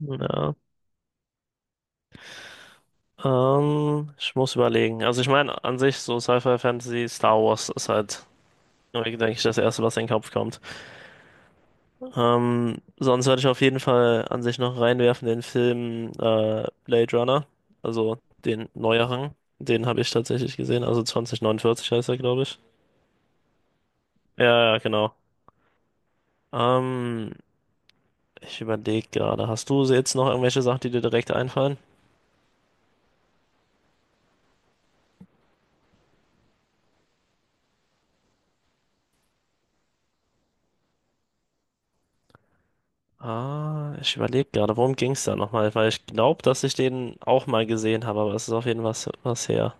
Ja. Ich muss überlegen. Also ich meine, an sich so Sci-Fi, Fantasy, Star Wars ist halt, denke ich, das Erste, was in den Kopf kommt. Sonst würde ich auf jeden Fall an sich noch reinwerfen den Film Blade Runner, also den neueren. Den habe ich tatsächlich gesehen, also 2049 heißt er, glaube ich. Ja, ja, genau. Ähm, ich überlege gerade, hast du jetzt noch irgendwelche Sachen, die dir direkt einfallen? Ah, ich überlege gerade, worum ging es da nochmal? Weil ich glaube, dass ich den auch mal gesehen habe, aber es ist auf jeden Fall was, was her.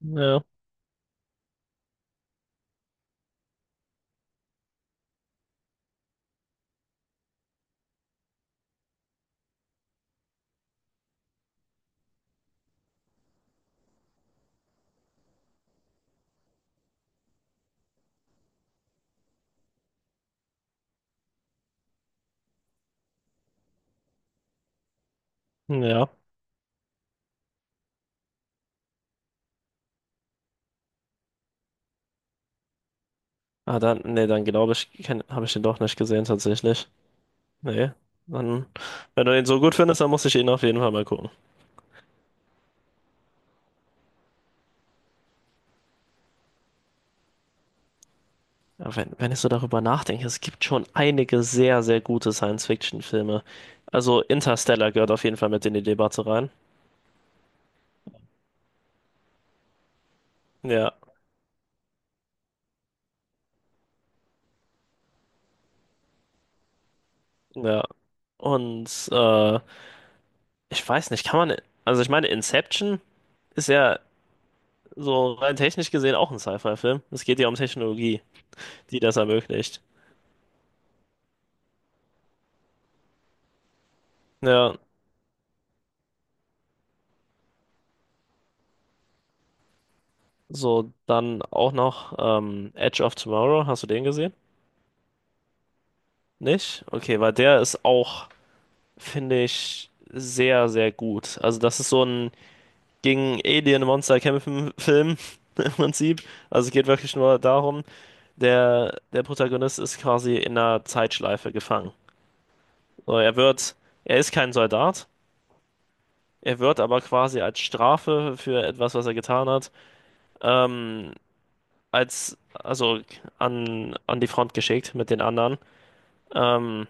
Ja, ja. Ah, dann, nee, dann glaube ich, habe ich den doch nicht gesehen tatsächlich. Nee. Dann, wenn du den so gut findest, dann muss ich ihn auf jeden Fall mal gucken. Ja, wenn ich so darüber nachdenke, es gibt schon einige sehr, sehr gute Science-Fiction-Filme. Also Interstellar gehört auf jeden Fall mit in die Debatte rein. Ja, ja. Und ich weiß nicht, kann man, also ich meine, Inception ist ja so rein technisch gesehen auch ein Sci-Fi-Film. Es geht ja um Technologie, die das ermöglicht. Ja, so dann auch noch Edge of Tomorrow. Hast du den gesehen? Nicht? Okay, weil der ist auch, finde ich, sehr, sehr gut. Also das ist so ein gegen Alien-Monster kämpfen Film im Prinzip. Also es geht wirklich nur darum, der Protagonist ist quasi in einer Zeitschleife gefangen. So, er ist kein Soldat. Er wird aber quasi als Strafe für etwas, was er getan hat, ähm, also an die Front geschickt mit den anderen. Ähm,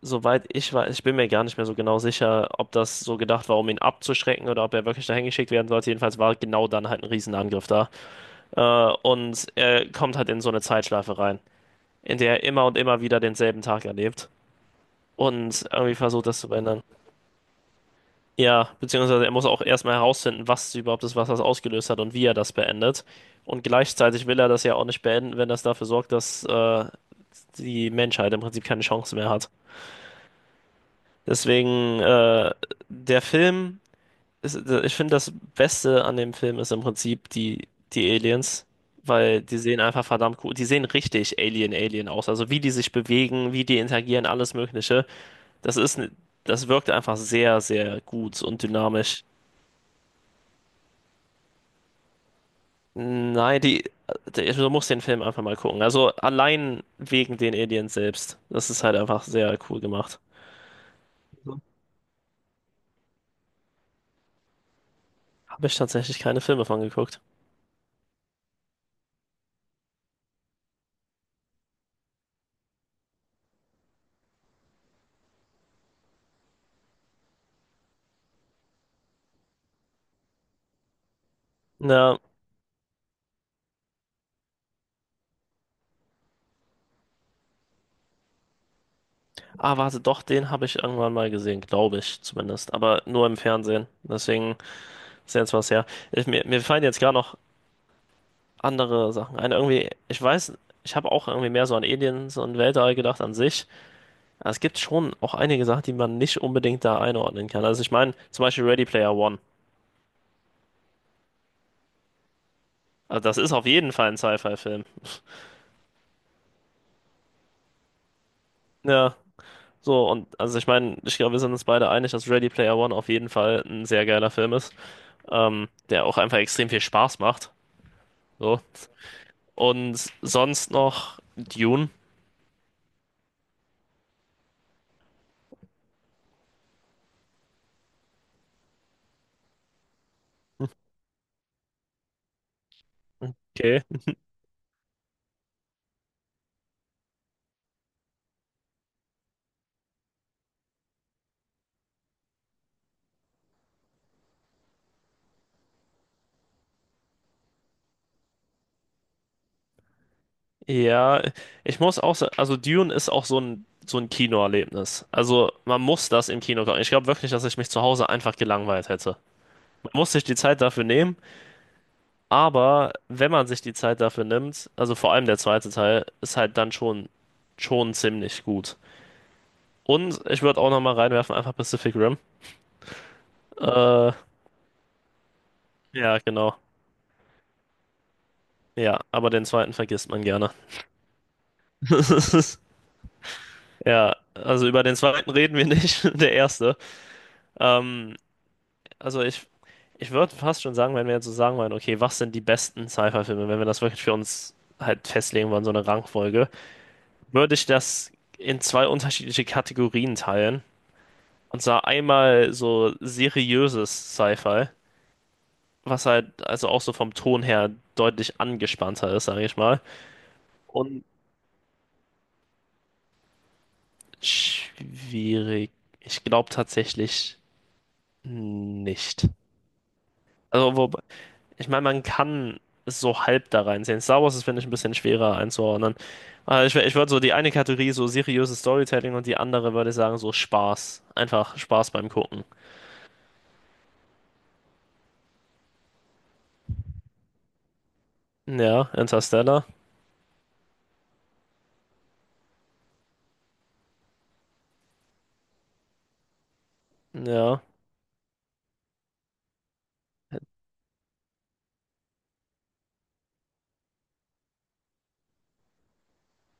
soweit ich weiß, ich bin mir gar nicht mehr so genau sicher, ob das so gedacht war, um ihn abzuschrecken oder ob er wirklich dahin geschickt werden sollte. Jedenfalls war genau dann halt ein Riesenangriff da. Und er kommt halt in so eine Zeitschleife rein, in der er immer und immer wieder denselben Tag erlebt und irgendwie versucht, das zu verändern. Ja, beziehungsweise er muss auch erstmal herausfinden, was überhaupt das Wasser ausgelöst hat und wie er das beendet. Und gleichzeitig will er das ja auch nicht beenden, wenn das dafür sorgt, dass die Menschheit im Prinzip keine Chance mehr hat. Deswegen, der Film, ist, ich finde, das Beste an dem Film ist im Prinzip die Aliens, weil die sehen einfach verdammt cool, die sehen richtig Alien, Alien aus. Also wie die sich bewegen, wie die interagieren, alles Mögliche. Das ist, ne- das wirkt einfach sehr, sehr gut und dynamisch. Nein, du musst den Film einfach mal gucken. Also allein wegen den Aliens selbst. Das ist halt einfach sehr cool gemacht. Mhm. Habe ich tatsächlich keine Filme von geguckt. Na, ah, warte, doch, den habe ich irgendwann mal gesehen, glaube ich zumindest. Aber nur im Fernsehen. Deswegen ist jetzt was her. Mir fallen jetzt gar noch andere Sachen ein. Irgendwie, ich weiß, ich habe auch irgendwie mehr so an Aliens und Weltall gedacht an sich. Aber es gibt schon auch einige Sachen, die man nicht unbedingt da einordnen kann. Also ich meine, zum Beispiel Ready Player One. Also das ist auf jeden Fall ein Sci-Fi-Film. Ja, so und also ich meine, ich glaube, wir sind uns beide einig, dass Ready Player One auf jeden Fall ein sehr geiler Film ist, der auch einfach extrem viel Spaß macht. So. Und sonst noch Dune. Okay. Ja, ich muss auch sagen, also Dune ist auch so ein Kinoerlebnis. Also man muss das im Kino gucken. Ich glaube wirklich, dass ich mich zu Hause einfach gelangweilt hätte. Man muss sich die Zeit dafür nehmen. Aber wenn man sich die Zeit dafür nimmt, also vor allem der zweite Teil, ist halt dann schon ziemlich gut. Und ich würde auch nochmal reinwerfen, einfach Pacific Rim. Äh, ja, genau. Ja, aber den zweiten vergisst man gerne. Ja, also über den zweiten reden wir nicht, der erste. Ähm, also ich würde fast schon sagen, wenn wir jetzt so sagen wollen, okay, was sind die besten Sci-Fi-Filme, wenn wir das wirklich für uns halt festlegen wollen, so eine Rangfolge, würde ich das in zwei unterschiedliche Kategorien teilen. Und zwar einmal so seriöses Sci-Fi, was halt also auch so vom Ton her deutlich angespannter ist, sage ich mal. Und schwierig. Ich glaube tatsächlich nicht. Also, wobei, ich meine, man kann es so halb da reinsehen. Star Wars ist, finde ich, ein bisschen schwerer einzuordnen. Also ich würde so die eine Kategorie so seriöses Storytelling und die andere würde ich sagen so Spaß. Einfach Spaß beim Gucken. Ja, Interstellar. Ja.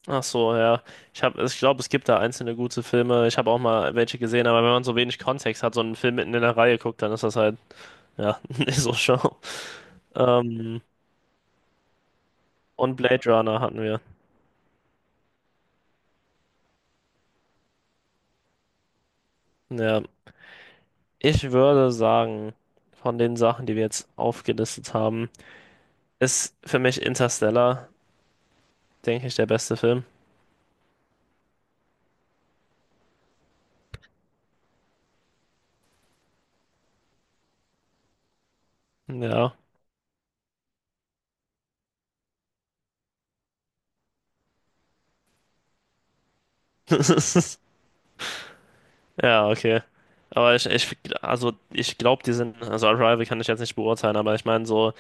Ach so, ja. Ich glaube, es gibt da einzelne gute Filme. Ich habe auch mal welche gesehen, aber wenn man so wenig Kontext hat, so einen Film mitten in der Reihe guckt, dann ist das halt, ja, nicht so schlau. Ähm, und Blade Runner hatten wir. Ja. Ich würde sagen, von den Sachen, die wir jetzt aufgelistet haben, ist für mich Interstellar, denke ich, der beste Film. Ja. Ja, okay. Aber also ich glaube, also Arrival kann ich jetzt nicht beurteilen, aber ich meine so.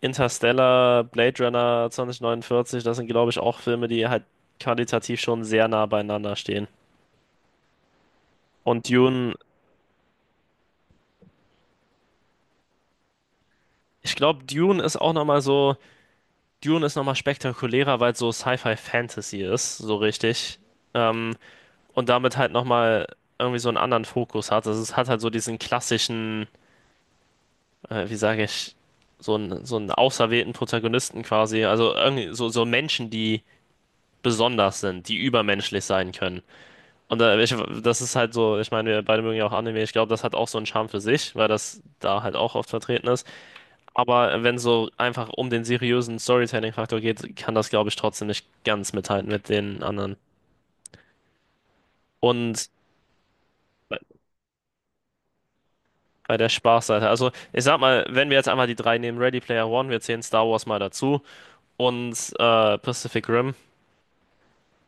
Interstellar, Blade Runner 2049, das sind, glaube ich, auch Filme, die halt qualitativ schon sehr nah beieinander stehen. Und Dune, ich glaube, Dune ist auch nochmal so, Dune ist nochmal spektakulärer, weil es so Sci-Fi-Fantasy ist, so richtig. Ähm, und damit halt nochmal irgendwie so einen anderen Fokus hat. Also es hat halt so diesen klassischen, wie sage ich, so einen auserwählten Protagonisten quasi. Also irgendwie so Menschen, die besonders sind, die übermenschlich sein können. Und das ist halt so, ich meine, wir beide mögen ja auch Anime. Ich glaube, das hat auch so einen Charme für sich, weil das da halt auch oft vertreten ist. Aber wenn so einfach um den seriösen Storytelling-Faktor geht, kann das, glaube ich, trotzdem nicht ganz mithalten mit den anderen. Und bei, bei der Spaßseite, also ich sag mal, wenn wir jetzt einmal die drei nehmen, Ready Player One, wir zählen Star Wars mal dazu und Pacific Rim.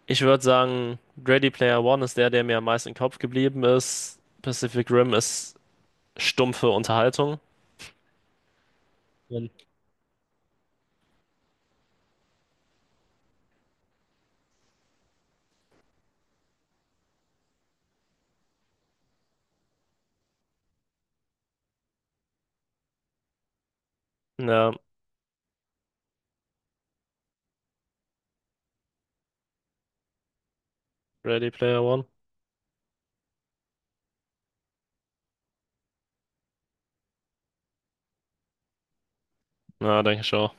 Ich würde sagen, Ready Player One ist der, der mir am meisten im Kopf geblieben ist. Pacific Rim ist stumpfe Unterhaltung. Ja. Ready Player One? Na, denke ich schon.